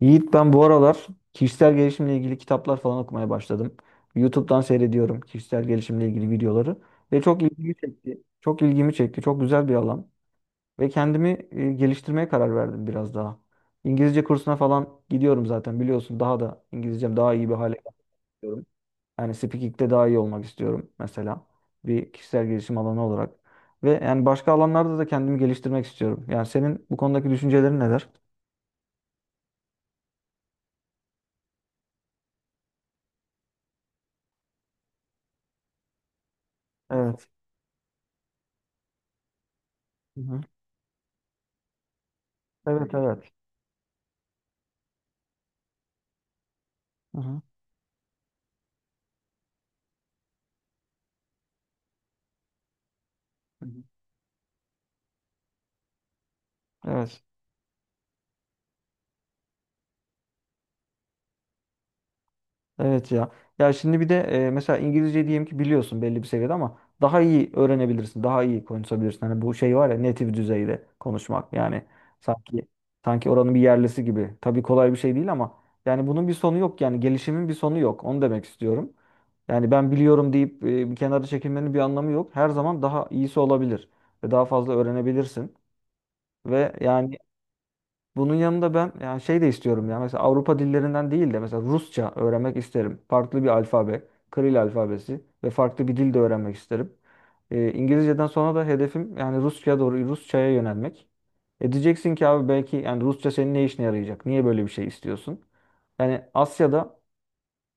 Yiğit ben bu aralar kişisel gelişimle ilgili kitaplar falan okumaya başladım. YouTube'dan seyrediyorum kişisel gelişimle ilgili videoları ve çok ilgimi çekti. Çok ilgimi çekti. Çok güzel bir alan ve kendimi geliştirmeye karar verdim biraz daha. İngilizce kursuna falan gidiyorum zaten biliyorsun. Daha da İngilizcem daha iyi bir hale gelmek istiyorum. Yani speaking'de daha iyi olmak istiyorum mesela. Bir kişisel gelişim alanı olarak. Ve yani başka alanlarda da kendimi geliştirmek istiyorum. Yani senin bu konudaki düşüncelerin neler? Evet. Hı hı. Evet, evet. Hı hı. Hı hı. Evet. Evet ya. Ya şimdi bir de mesela İngilizce diyelim ki biliyorsun belli bir seviyede ama daha iyi öğrenebilirsin. Daha iyi konuşabilirsin. Hani bu şey var ya native düzeyde konuşmak. Yani sanki sanki oranın bir yerlisi gibi. Tabii kolay bir şey değil ama yani bunun bir sonu yok. Yani gelişimin bir sonu yok. Onu demek istiyorum. Yani ben biliyorum deyip bir kenara çekilmenin bir anlamı yok. Her zaman daha iyisi olabilir ve daha fazla öğrenebilirsin ve yani bunun yanında ben yani şey de istiyorum ya mesela Avrupa dillerinden değil de mesela Rusça öğrenmek isterim. Farklı bir alfabe, Kiril alfabesi ve farklı bir dil de öğrenmek isterim. İngilizceden sonra da hedefim yani Rusça'ya doğru Rusça'ya yönelmek. E diyeceksin ki abi belki yani Rusça senin ne işine yarayacak? Niye böyle bir şey istiyorsun? Yani Asya'da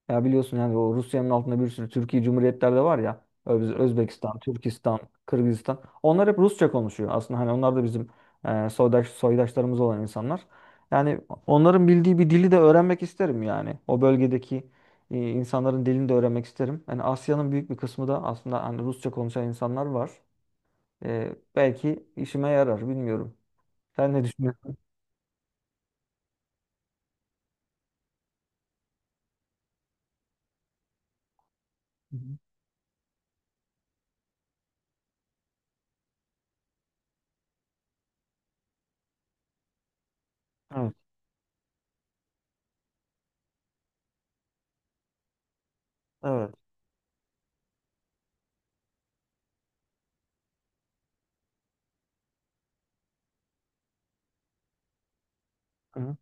ya biliyorsun yani o Rusya'nın altında bir sürü Türkiye Cumhuriyetler de var ya. Özbekistan, Türkistan, Kırgızistan. Onlar hep Rusça konuşuyor aslında. Hani onlar da bizim soydaşlarımız olan insanlar. Yani onların bildiği bir dili de öğrenmek isterim yani. O bölgedeki insanların dilini de öğrenmek isterim. Yani Asya'nın büyük bir kısmı da aslında hani Rusça konuşan insanlar var. Belki işime yarar bilmiyorum. Sen ne düşünüyorsun? Hı hı. Evet, evet. Hı hı.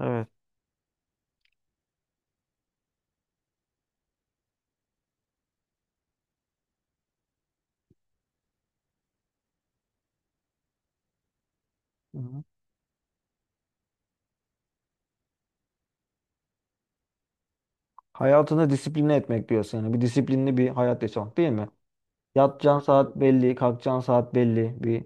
Evet. Hayatını disipline etmek diyorsun yani. Bir disiplinli bir hayat yaşamak değil mi? Yatacağın saat belli, kalkacağın saat belli.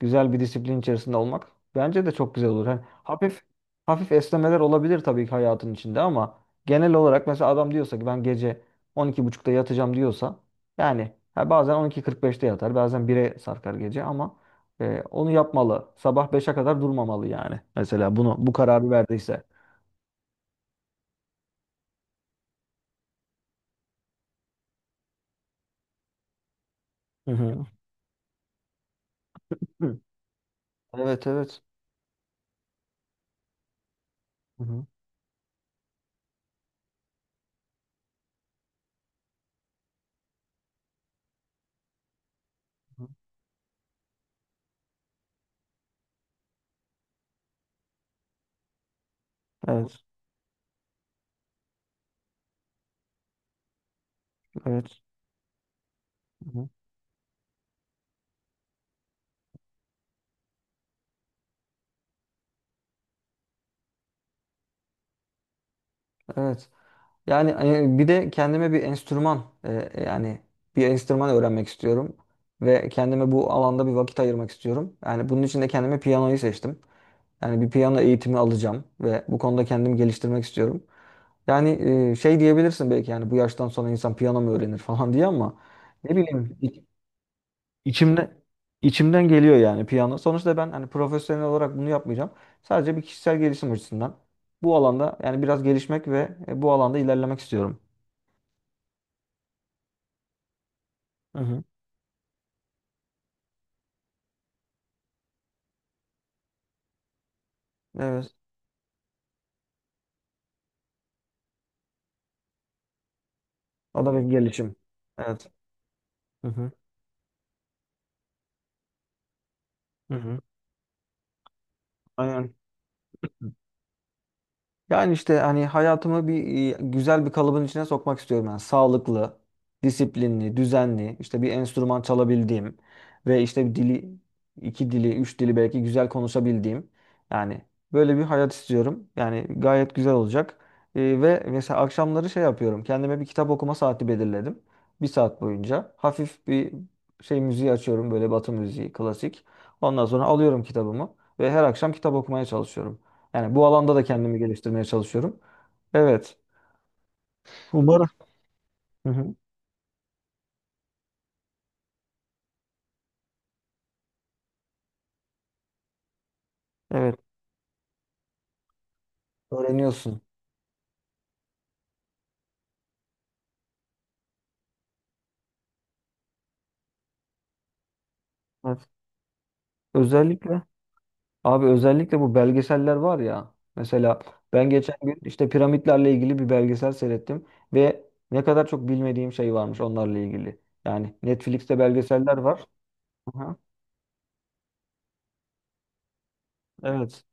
Güzel bir disiplin içerisinde olmak bence de çok güzel olur. Hani hafif hafif esnemeler olabilir tabii ki hayatın içinde ama genel olarak mesela adam diyorsa ki ben gece 12.30'da yatacağım diyorsa yani ha bazen 12.45'te yatar, bazen 1'e sarkar gece ama onu yapmalı. Sabah beşe kadar durmamalı yani. Mesela bu kararı verdiyse. Hı hı. Hı. Evet, evet. Hı hı. Evet. Evet. Hı hı. Evet. Yani bir de kendime bir enstrüman yani bir enstrüman öğrenmek istiyorum ve kendime bu alanda bir vakit ayırmak istiyorum. Yani bunun için de kendime piyanoyu seçtim. Yani bir piyano eğitimi alacağım ve bu konuda kendimi geliştirmek istiyorum. Yani şey diyebilirsin belki yani bu yaştan sonra insan piyano mu öğrenir falan diye ama ne bileyim İçimde içimden geliyor yani piyano. Sonuçta ben hani profesyonel olarak bunu yapmayacağım. Sadece bir kişisel gelişim açısından bu alanda yani biraz gelişmek ve bu alanda ilerlemek istiyorum. Hı hı. Evet. O da bir gelişim. Evet. Hı hı. Hı hı. Aynen. Yani işte hani hayatımı güzel bir kalıbın içine sokmak istiyorum ben. Sağlıklı, disiplinli, düzenli, işte bir enstrüman çalabildiğim ve işte bir dili, iki dili, üç dili belki güzel konuşabildiğim. Yani böyle bir hayat istiyorum. Yani gayet güzel olacak. Ve mesela akşamları şey yapıyorum. Kendime bir kitap okuma saati belirledim. Bir saat boyunca hafif bir şey müziği açıyorum böyle Batı müziği, klasik. Ondan sonra alıyorum kitabımı ve her akşam kitap okumaya çalışıyorum. Yani bu alanda da kendimi geliştirmeye çalışıyorum. Evet. Umarım. Hı hı. Evet. Öğreniyorsun. Evet. Özellikle abi, özellikle bu belgeseller var ya. Mesela ben geçen gün işte piramitlerle ilgili bir belgesel seyrettim ve ne kadar çok bilmediğim şey varmış onlarla ilgili. Yani Netflix'te belgeseller var. Aha. Evet.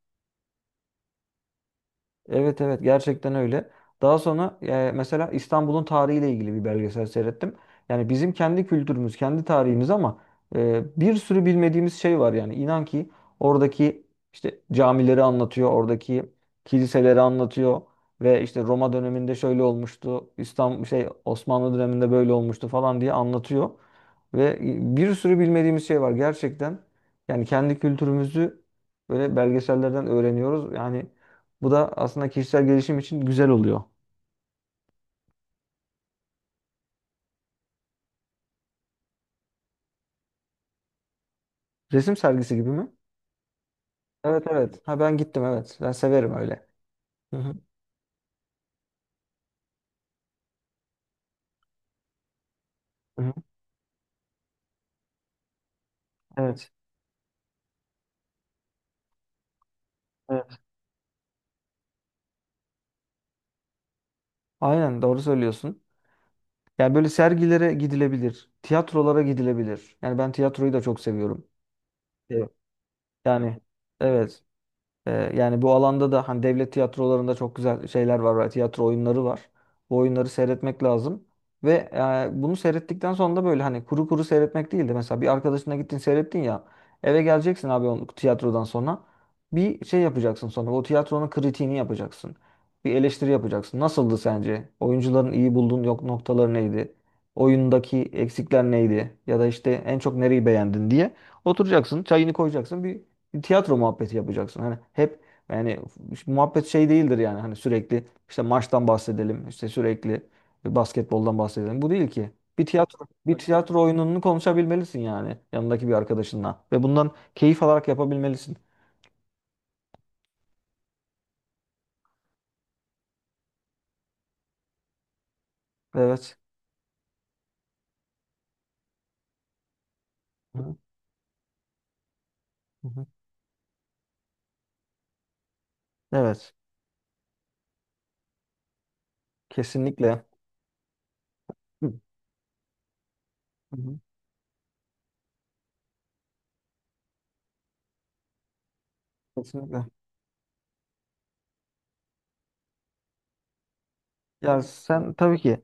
Evet, evet, gerçekten öyle. Daha sonra mesela İstanbul'un tarihiyle ilgili bir belgesel seyrettim. Yani bizim kendi kültürümüz, kendi tarihimiz ama bir sürü bilmediğimiz şey var yani. İnan ki oradaki işte camileri anlatıyor, oradaki kiliseleri anlatıyor ve işte Roma döneminde şöyle olmuştu, İstanbul şey Osmanlı döneminde böyle olmuştu falan diye anlatıyor. Ve bir sürü bilmediğimiz şey var gerçekten. Yani kendi kültürümüzü böyle belgesellerden öğreniyoruz. Yani bu da aslında kişisel gelişim için güzel oluyor. Resim sergisi gibi mi? Evet, evet. Ha, ben gittim, evet. Ben severim öyle. Hı hı. Hı hı. Evet. Evet. Aynen, doğru söylüyorsun. Yani böyle sergilere gidilebilir. Tiyatrolara gidilebilir. Yani ben tiyatroyu da çok seviyorum. Evet. Yani evet. Yani bu alanda da hani devlet tiyatrolarında çok güzel şeyler var, tiyatro oyunları var. Bu oyunları seyretmek lazım. Ve bunu seyrettikten sonra da böyle hani kuru kuru seyretmek değil de mesela bir arkadaşına gittin seyrettin ya eve geleceksin abi onu tiyatrodan sonra bir şey yapacaksın sonra o tiyatronun kritiğini yapacaksın. Bir eleştiri yapacaksın. Nasıldı sence? Oyuncuların iyi bulduğun yok noktaları neydi? Oyundaki eksikler neydi? Ya da işte en çok nereyi beğendin diye oturacaksın, çayını koyacaksın, bir tiyatro muhabbeti yapacaksın. Hani hep yani şu muhabbet şey değildir yani hani sürekli işte maçtan bahsedelim, işte sürekli basketboldan bahsedelim. Bu değil ki. Bir tiyatro oyununu konuşabilmelisin yani yanındaki bir arkadaşınla ve bundan keyif alarak yapabilmelisin. Evet. Hı hı. Evet. Kesinlikle. Hı hı. Kesinlikle. Ya sen tabii ki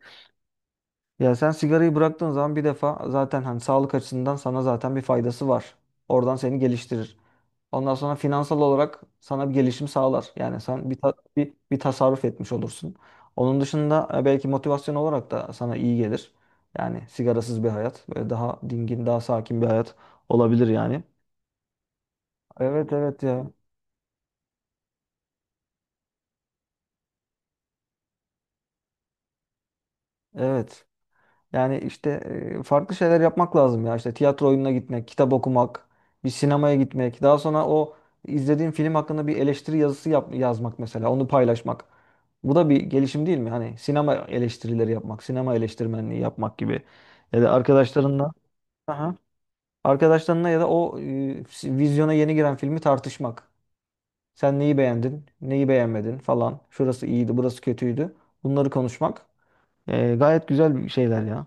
Ya sen sigarayı bıraktığın zaman bir defa zaten hani sağlık açısından sana zaten bir faydası var. Oradan seni geliştirir. Ondan sonra finansal olarak sana bir gelişim sağlar. Yani sen bir tasarruf etmiş olursun. Onun dışında belki motivasyon olarak da sana iyi gelir. Yani sigarasız bir hayat. Böyle daha dingin, daha sakin bir hayat olabilir yani. Evet, evet ya. Evet. Yani işte farklı şeyler yapmak lazım ya. İşte tiyatro oyununa gitmek, kitap okumak, bir sinemaya gitmek. Daha sonra o izlediğin film hakkında bir eleştiri yazısı yazmak mesela, onu paylaşmak. Bu da bir gelişim değil mi? Hani sinema eleştirileri yapmak, sinema eleştirmenliği yapmak gibi. Ya da arkadaşlarınla, aha, arkadaşlarınla ya da o, vizyona yeni giren filmi tartışmak. Sen neyi beğendin, neyi beğenmedin falan. Şurası iyiydi, burası kötüydü. Bunları konuşmak. Gayet güzel şeyler ya.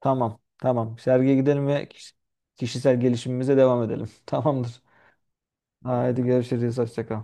Tamam. Tamam. Sergiye gidelim ve kişisel gelişimimize devam edelim. Tamamdır. Haydi görüşürüz. Hoşça kal.